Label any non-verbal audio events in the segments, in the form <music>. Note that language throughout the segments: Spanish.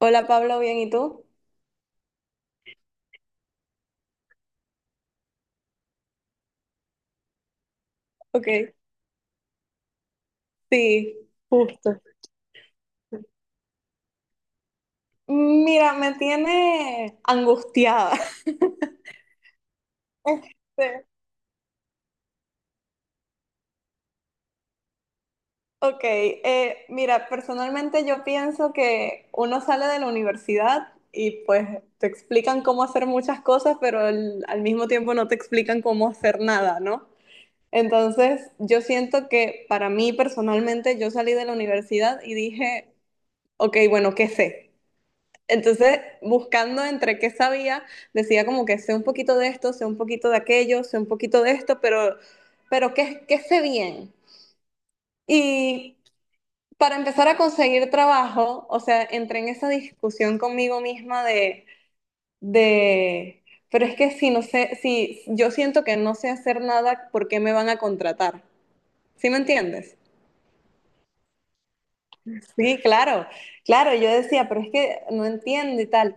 Hola Pablo, bien, ¿y tú? Ok, sí, justo. Mira, me tiene angustiada. <laughs> Este, ok, mira, personalmente yo pienso que uno sale de la universidad y pues te explican cómo hacer muchas cosas, pero al mismo tiempo no te explican cómo hacer nada, ¿no? Entonces, yo siento que para mí personalmente yo salí de la universidad y dije, ok, bueno, ¿qué sé? Entonces, buscando entre qué sabía, decía como que sé un poquito de esto, sé un poquito de aquello, sé un poquito de esto, pero qué sé bien? Y para empezar a conseguir trabajo, o sea, entré en esa discusión conmigo misma de, pero es que si no sé, si yo siento que no sé hacer nada, ¿por qué me van a contratar? ¿Sí me entiendes? Sí, claro, claro, yo decía, pero es que no entiendo y tal.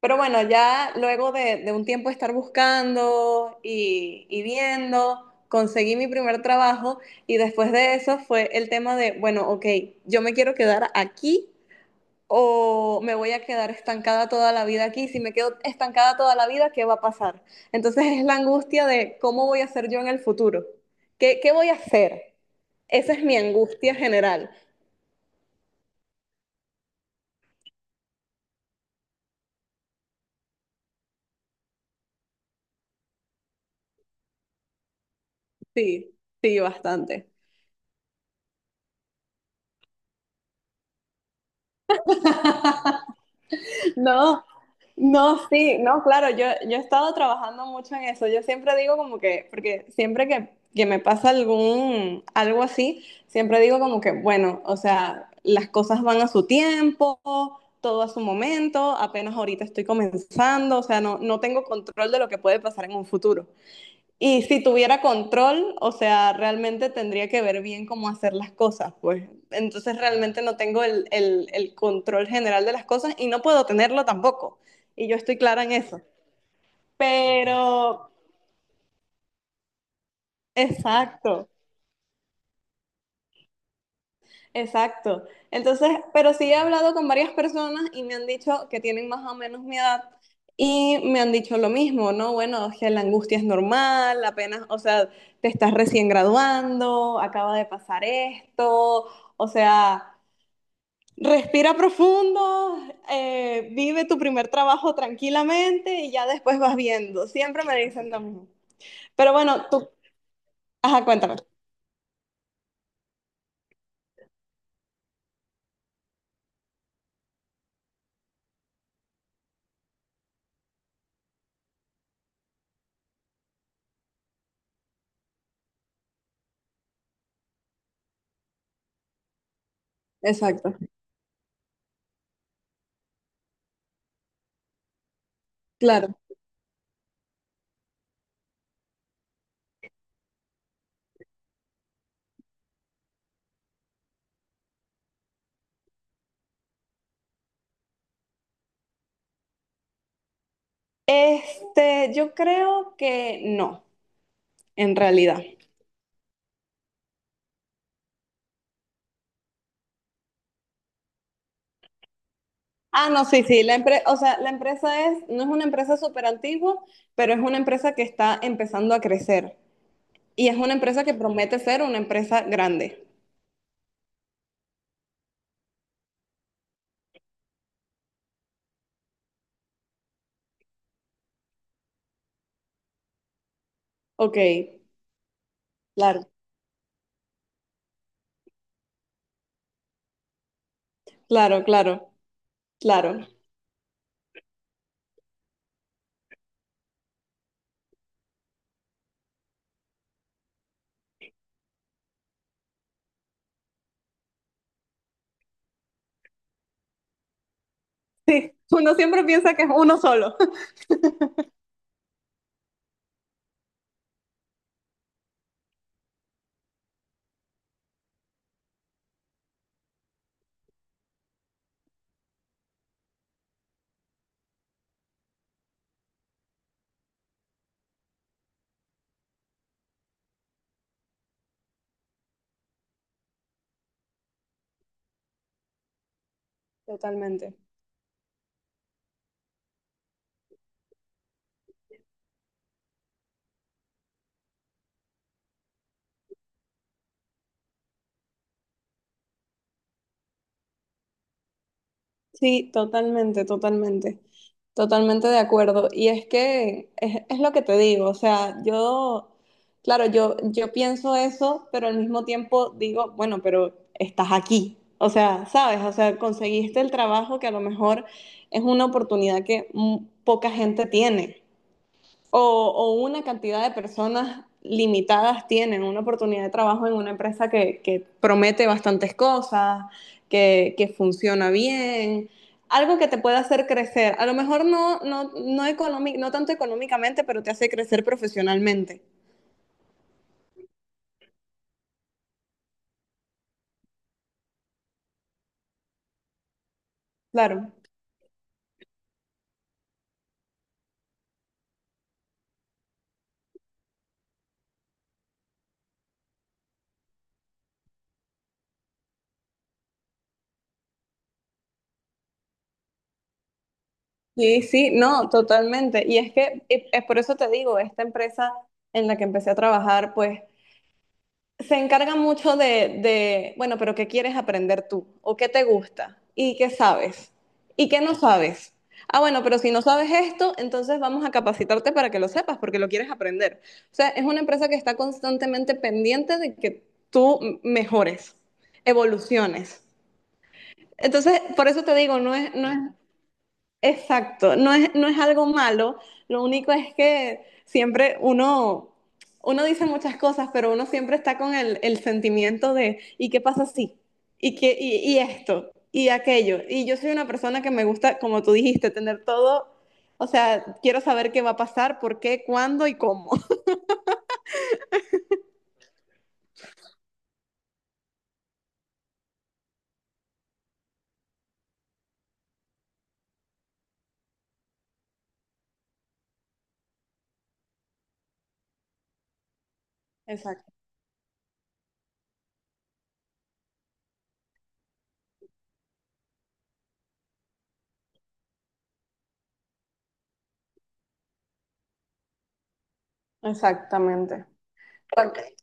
Pero bueno, ya luego de un tiempo de estar buscando y viendo, conseguí mi primer trabajo y después de eso fue el tema de, bueno, ok, yo me quiero quedar aquí o me voy a quedar estancada toda la vida aquí. Si me quedo estancada toda la vida, ¿qué va a pasar? Entonces es la angustia de cómo voy a ser yo en el futuro. Qué voy a hacer? Esa es mi angustia general. Sí, sí, bastante. No, no, sí, no, claro, yo he estado trabajando mucho en eso. Yo siempre digo como que, porque siempre que me pasa algo así, siempre digo como que, bueno, o sea, las cosas van a su tiempo, todo a su momento, apenas ahorita estoy comenzando, o sea, no tengo control de lo que puede pasar en un futuro. Y si tuviera control, o sea, realmente tendría que ver bien cómo hacer las cosas, pues. Entonces realmente no tengo el control general de las cosas y no puedo tenerlo tampoco. Y yo estoy clara en eso. Pero, exacto. Exacto. Entonces, pero sí he hablado con varias personas y me han dicho que tienen más o menos mi edad y me han dicho lo mismo, ¿no? Bueno, o sea, la angustia es normal, apenas, o sea, te estás recién graduando, acaba de pasar esto, o sea, respira profundo, vive tu primer trabajo tranquilamente y ya después vas viendo. Siempre me dicen lo mismo. Pero bueno, tú, ajá, cuéntame. Exacto, claro. Este, yo creo que no, en realidad. Ah, no, sí, sí, la empresa, o sea, la empresa es, no es una empresa súper antigua, pero es una empresa que está empezando a crecer y es una empresa que promete ser una empresa grande. Ok, claro, claro, claro, claro. Sí, uno siempre piensa que es uno solo. <laughs> Totalmente. Sí, totalmente, totalmente, totalmente de acuerdo. Y es que es lo que te digo, o sea, yo, claro, yo pienso eso, pero al mismo tiempo digo, bueno, pero estás aquí, o sea, sabes, o sea, conseguiste el trabajo que a lo mejor es una oportunidad que mm, poca gente tiene o una cantidad de personas limitadas tienen una oportunidad de trabajo en una empresa que promete bastantes cosas, funciona bien, algo que te pueda hacer crecer. A lo mejor economic, no tanto económicamente, pero te hace crecer profesionalmente. Claro. Sí, sí, no, totalmente. Y es que es por eso te digo, esta empresa en la que empecé a trabajar, pues se encarga mucho bueno, pero ¿qué quieres aprender tú? ¿O qué te gusta? ¿Y qué sabes? ¿Y qué no sabes? Ah, bueno, pero si no sabes esto, entonces vamos a capacitarte para que lo sepas, porque lo quieres aprender. O sea, es una empresa que está constantemente pendiente de que tú mejores, evoluciones. Entonces, por eso te digo, exacto, no es algo malo, lo único es que siempre uno dice muchas cosas, pero uno siempre está con el sentimiento de, ¿y qué pasa si? ¿Y qué, y esto? ¿Y aquello? Y yo soy una persona que me gusta, como tú dijiste, tener todo, o sea, quiero saber qué va a pasar, por qué, cuándo y cómo. Exacto, exactamente. Porque,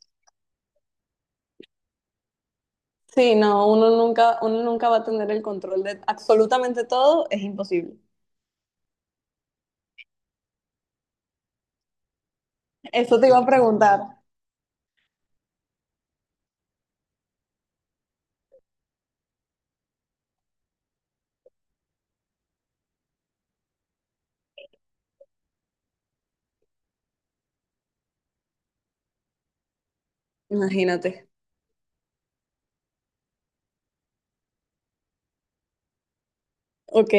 sí, no, uno nunca va a tener el control de absolutamente todo, es imposible. Eso te iba a preguntar. Imagínate. Ok.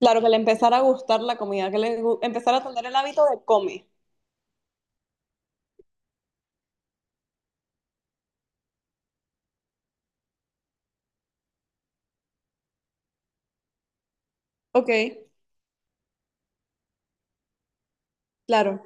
Claro, que le empezara a gustar la comida, que empezara a tener el hábito de comer. Ok, claro.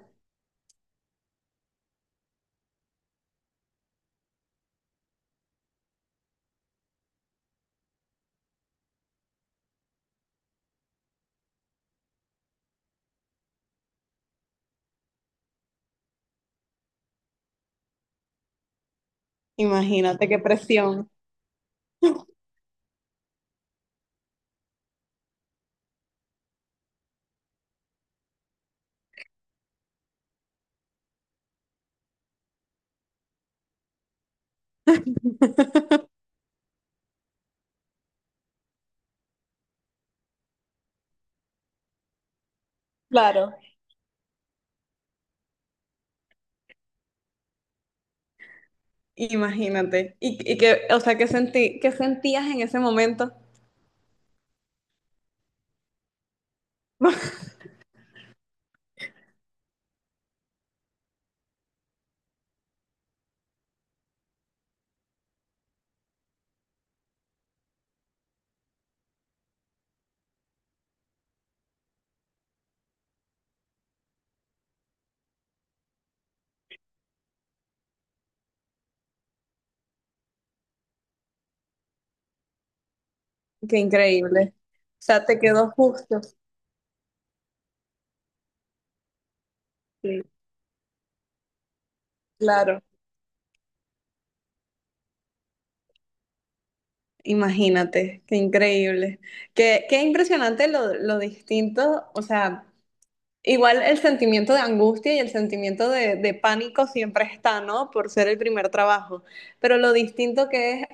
Imagínate qué presión. <laughs> Claro, imagínate. Y que, o sea, ¿qué sentí, qué sentías en ese momento? <laughs> Qué increíble. O sea, te quedó justo. Sí, claro. Imagínate, qué increíble. Qué impresionante lo distinto, o sea, igual el sentimiento de angustia y el sentimiento de pánico siempre está, ¿no? Por ser el primer trabajo. Pero lo distinto que es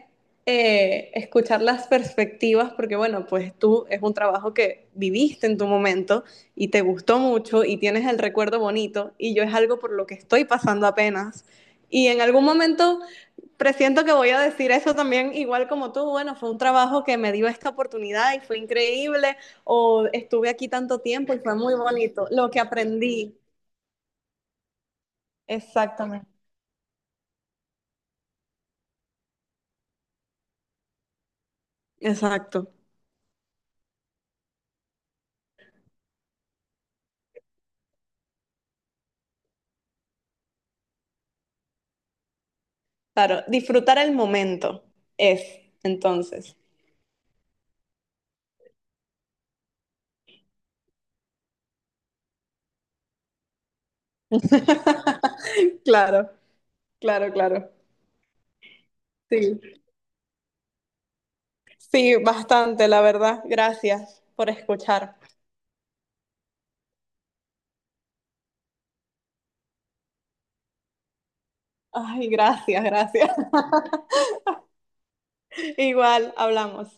escuchar las perspectivas, porque bueno, pues tú es un trabajo que viviste en tu momento y te gustó mucho y tienes el recuerdo bonito y yo es algo por lo que estoy pasando apenas. Y en algún momento presiento que voy a decir eso también, igual como tú, bueno, fue un trabajo que me dio esta oportunidad y fue increíble, o estuve aquí tanto tiempo y fue muy bonito, lo que aprendí. Exactamente. Exacto. Claro, disfrutar el momento es, entonces. <laughs> Claro, claro, claro. Sí, sí, bastante, la verdad. Gracias por escuchar. Ay, gracias, gracias. <laughs> Igual, hablamos.